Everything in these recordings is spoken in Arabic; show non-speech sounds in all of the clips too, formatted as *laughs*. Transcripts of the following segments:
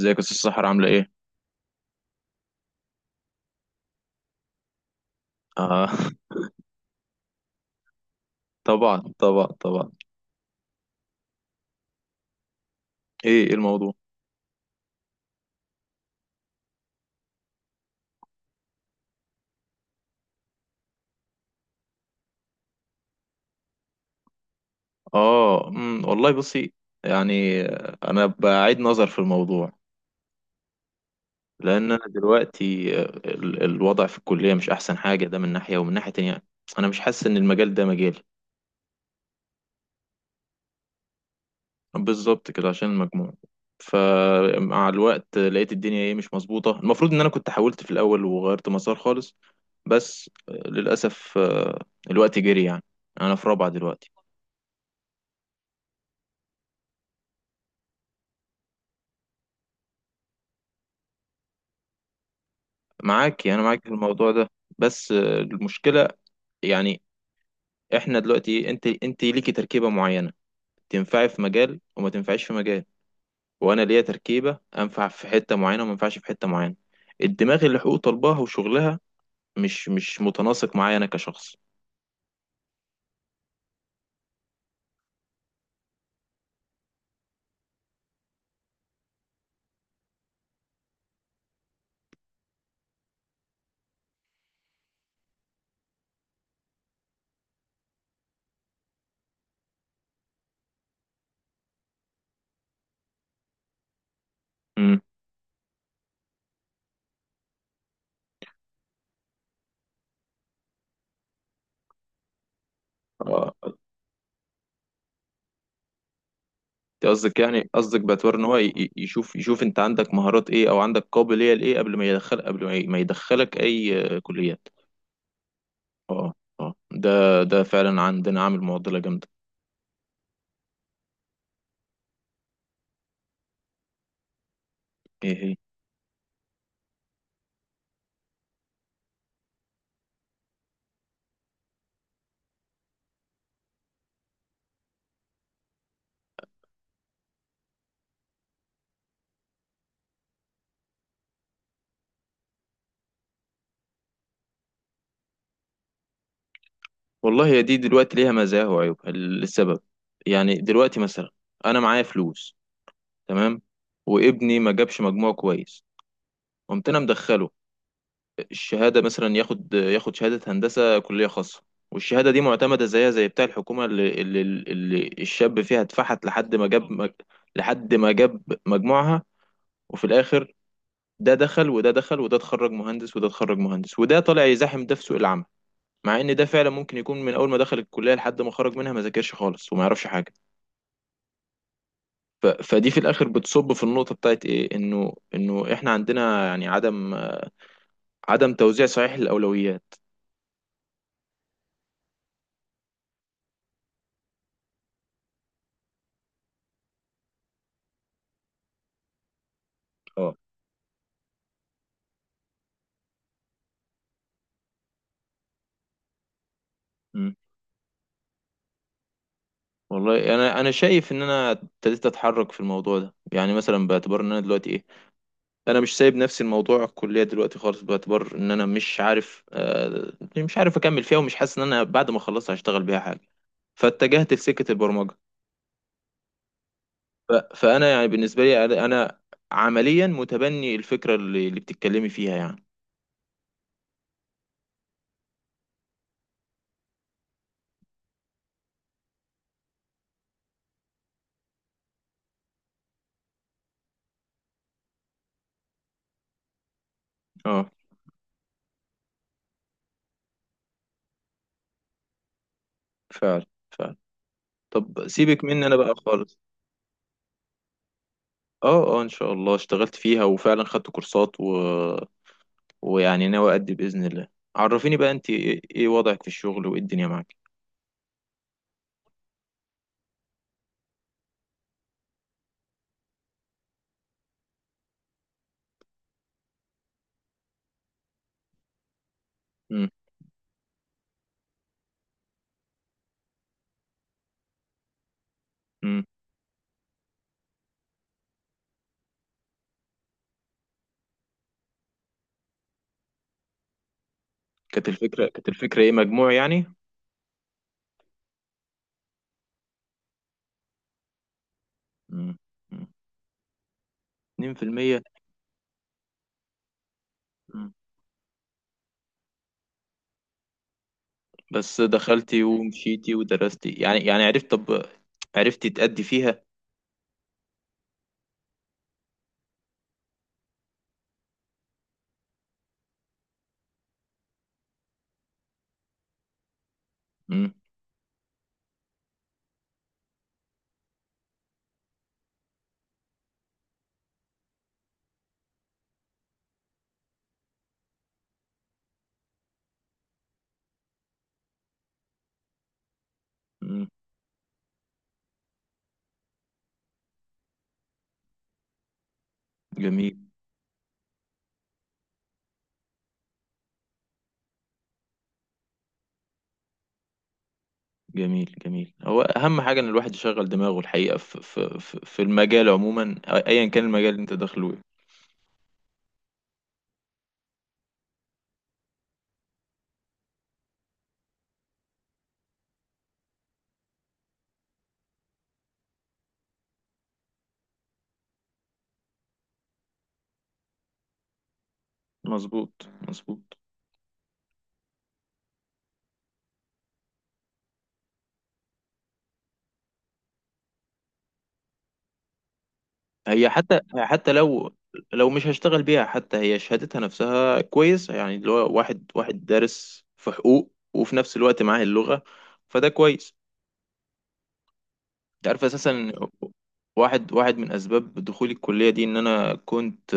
ازيك يا استاذ سحر، عامله ايه؟ آه. *laughs* طبعا طبعا طبعا. ايه ايه الموضوع؟ اه، والله بصي. يعني انا بعيد نظر في الموضوع، لان انا دلوقتي الوضع في الكليه مش احسن حاجه، ده من ناحيه، ومن ناحيه تانية انا مش حاسس ان المجال ده مجالي. بالظبط كده عشان المجموع. فمع الوقت لقيت الدنيا ايه، مش مظبوطه، المفروض ان انا كنت حاولت في الاول وغيرت مسار خالص. بس للاسف الوقت جري يعني، انا في رابعه دلوقتي. معاكي، انا معاكي في الموضوع ده. بس المشكله يعني، احنا دلوقتي انت ليكي تركيبه معينه، تنفعي في مجال وما تنفعيش في مجال، وانا ليا تركيبه انفع في حته معينه وما ينفعش في حته معينه. الدماغ اللي حقوق طلبها وشغلها مش متناسق معايا انا كشخص. امم. آه، انت قصدك، يعني قصدك باعتبار ان هو يشوف، يشوف انت عندك مهارات ايه او عندك قابليه لايه قبل ما يدخل، قبل ما يدخلك اي كليات. اه اه. ده فعلا عندنا عامل معضله جامده. ايه هي؟ والله هي دي دلوقتي ليها مزايا وعيوبها. السبب، يعني دلوقتي مثلا انا معايا فلوس، تمام، وابني ما جابش مجموع كويس، قمت انا مدخله الشهاده، مثلا ياخد ياخد شهاده هندسه كليه خاصه. والشهاده دي معتمده زيها زي بتاع الحكومه، اللي الشاب فيها اتفحت لحد ما جاب مج... لحد ما جاب مجموعها. وفي الاخر ده دخل وده دخل، وده اتخرج مهندس وده اتخرج مهندس، وده طالع يزاحم ده في سوق العمل، مع ان ده فعلا ممكن يكون من اول ما دخل الكليه لحد ما خرج منها ما ذاكرش خالص وما يعرفش حاجه. ف... فدي في الاخر بتصب في النقطه بتاعت ايه، انه احنا عندنا يعني عدم، عدم توزيع صحيح للاولويات. اه. مم. والله، انا شايف ان انا ابتديت اتحرك في الموضوع ده، يعني مثلا باعتبار ان انا دلوقتي ايه، انا مش سايب نفسي الموضوع، الكليه دلوقتي خالص، باعتبار ان انا مش عارف آه، مش عارف اكمل فيها، ومش حاسس ان انا بعد ما اخلصها هشتغل بيها حاجه، فاتجهت لسكه البرمجه. فانا يعني بالنسبه لي، أنا عمليا متبني الفكره اللي بتتكلمي فيها يعني. اه فعلا، فعلا. طب سيبك مني انا بقى خالص. اه اه، ان شاء الله اشتغلت فيها وفعلا خدت كورسات، و... ويعني ناوي ادي باذن الله. عرفيني بقى انت ايه، إيه وضعك في الشغل وايه الدنيا معاك؟ امم. امم. كانت الفكره، كانت الفكره ايه، مجموع يعني؟ امم. 2%. مم. بس دخلتي ومشيتي ودرستي يعني، يعني عرفت طب، عرفتي تأدي فيها. امم. امم. جميل. جميل جميل. هو اهم حاجه ان الواحد يشغل دماغه الحقيقه في في المجال عموما، ايا كان المجال اللي انت داخله إيه. مظبوط مظبوط. هي حتى، حتى لو، لو مش هشتغل بيها، حتى هي شهادتها نفسها كويس، يعني اللي هو واحد، واحد دارس في حقوق وفي نفس الوقت معاه اللغه، فده كويس. انت عارف اساسا إن واحد، واحد من اسباب دخولي الكليه دي ان انا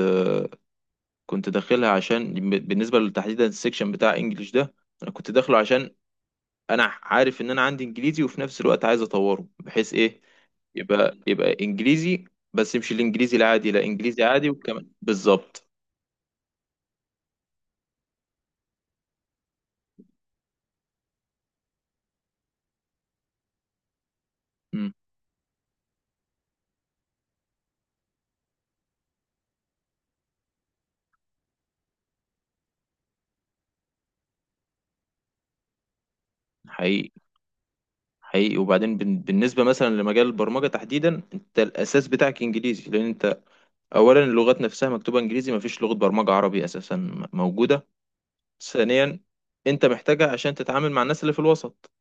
كنت داخلها عشان بالنسبه لتحديدا السكشن بتاع انجليش ده، انا كنت داخله عشان انا عارف ان انا عندي انجليزي وفي نفس الوقت عايز اطوره بحيث ايه، يبقى انجليزي، بس مش الانجليزي العادي، لا انجليزي عادي وكمان بالظبط. امم. حقيقي، حقيقي. وبعدين بالنسبه مثلا لمجال البرمجه تحديدا، انت الاساس بتاعك انجليزي، لان انت اولا اللغات نفسها مكتوبه انجليزي، ما فيش لغه برمجه عربي اساسا موجوده. ثانيا، انت محتاجها عشان تتعامل مع الناس اللي في الوسط،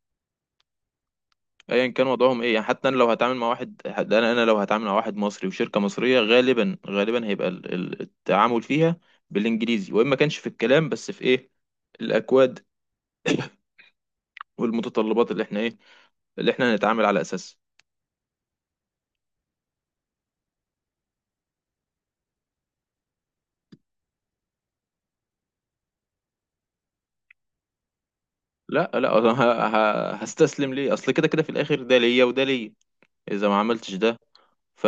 ايا كان وضعهم ايه، يعني حتى انا لو هتعامل مع واحد، حتى انا لو هتعامل مع واحد مصري وشركه مصريه، غالبا هيبقى التعامل فيها بالانجليزي، وان ما كانش في الكلام، بس في ايه، الاكواد. *coughs* والمتطلبات اللي احنا ايه، اللي احنا هنتعامل على اساسها. لا لا، أنا هستسلم ليه؟ اصل كده كده في الاخر ده ليا وده ليا، اذا ما عملتش ده ف...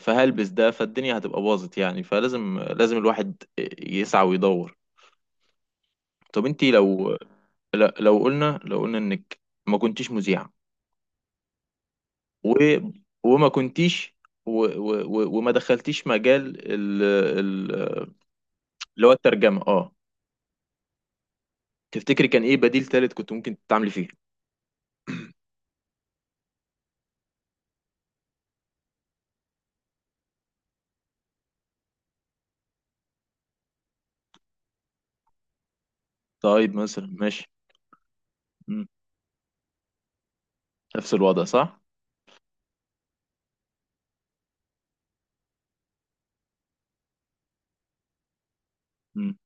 فهلبس ده، فالدنيا هتبقى باظت يعني، فلازم، لازم الواحد يسعى ويدور. طب انتي لو، لو قلنا، لو قلنا انك ما كنتيش مذيعة، و... وما كنتيش، وما دخلتيش مجال ال... ال... اللي هو الترجمة، اه، تفتكري كان ايه بديل تالت كنت ممكن تتعاملي فيه؟ طيب مثلا ماشي. مم. نفس الوضع، صح. مم.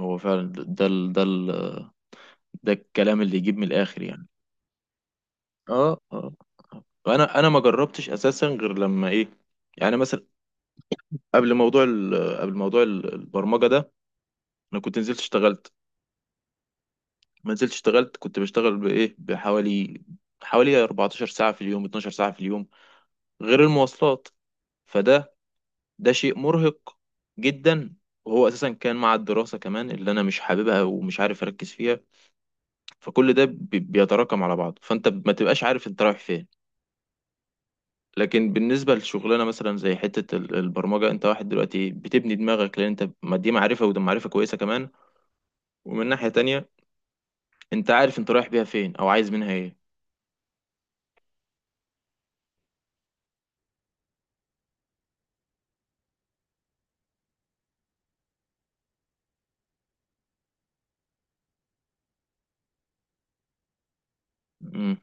هو فعلا ده، ده ال... ده ال... ده الكلام اللي يجيب من الاخر يعني. اه اه. انا ما جربتش اساسا غير لما ايه، يعني مثلا قبل موضوع ال... قبل موضوع البرمجة ده، انا كنت نزلت اشتغلت، ما نزلت اشتغلت، كنت بشتغل بايه، حوالي 14 ساعة في اليوم، 12 ساعة في اليوم غير المواصلات. فده، ده شيء مرهق جدا، وهو اساسا كان مع الدراسة كمان اللي انا مش حاببها ومش عارف اركز فيها، فكل ده بيتراكم على بعض، فانت ما تبقاش عارف انت رايح فين. لكن بالنسبة للشغلانة مثلا زي حتة البرمجة، انت واحد دلوقتي بتبني دماغك، لان انت ما دي معرفة، وده معرفة كويسة كمان. ومن ناحية تانية، انت عارف انت رايح بيها فين او عايز منها ايه. امم.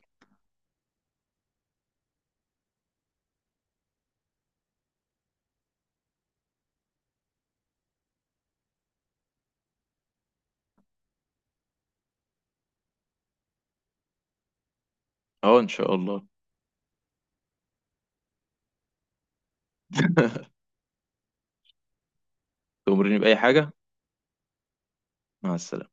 اه ان شاء الله. *laughs* تأمرني بأي حاجة. مع السلامة.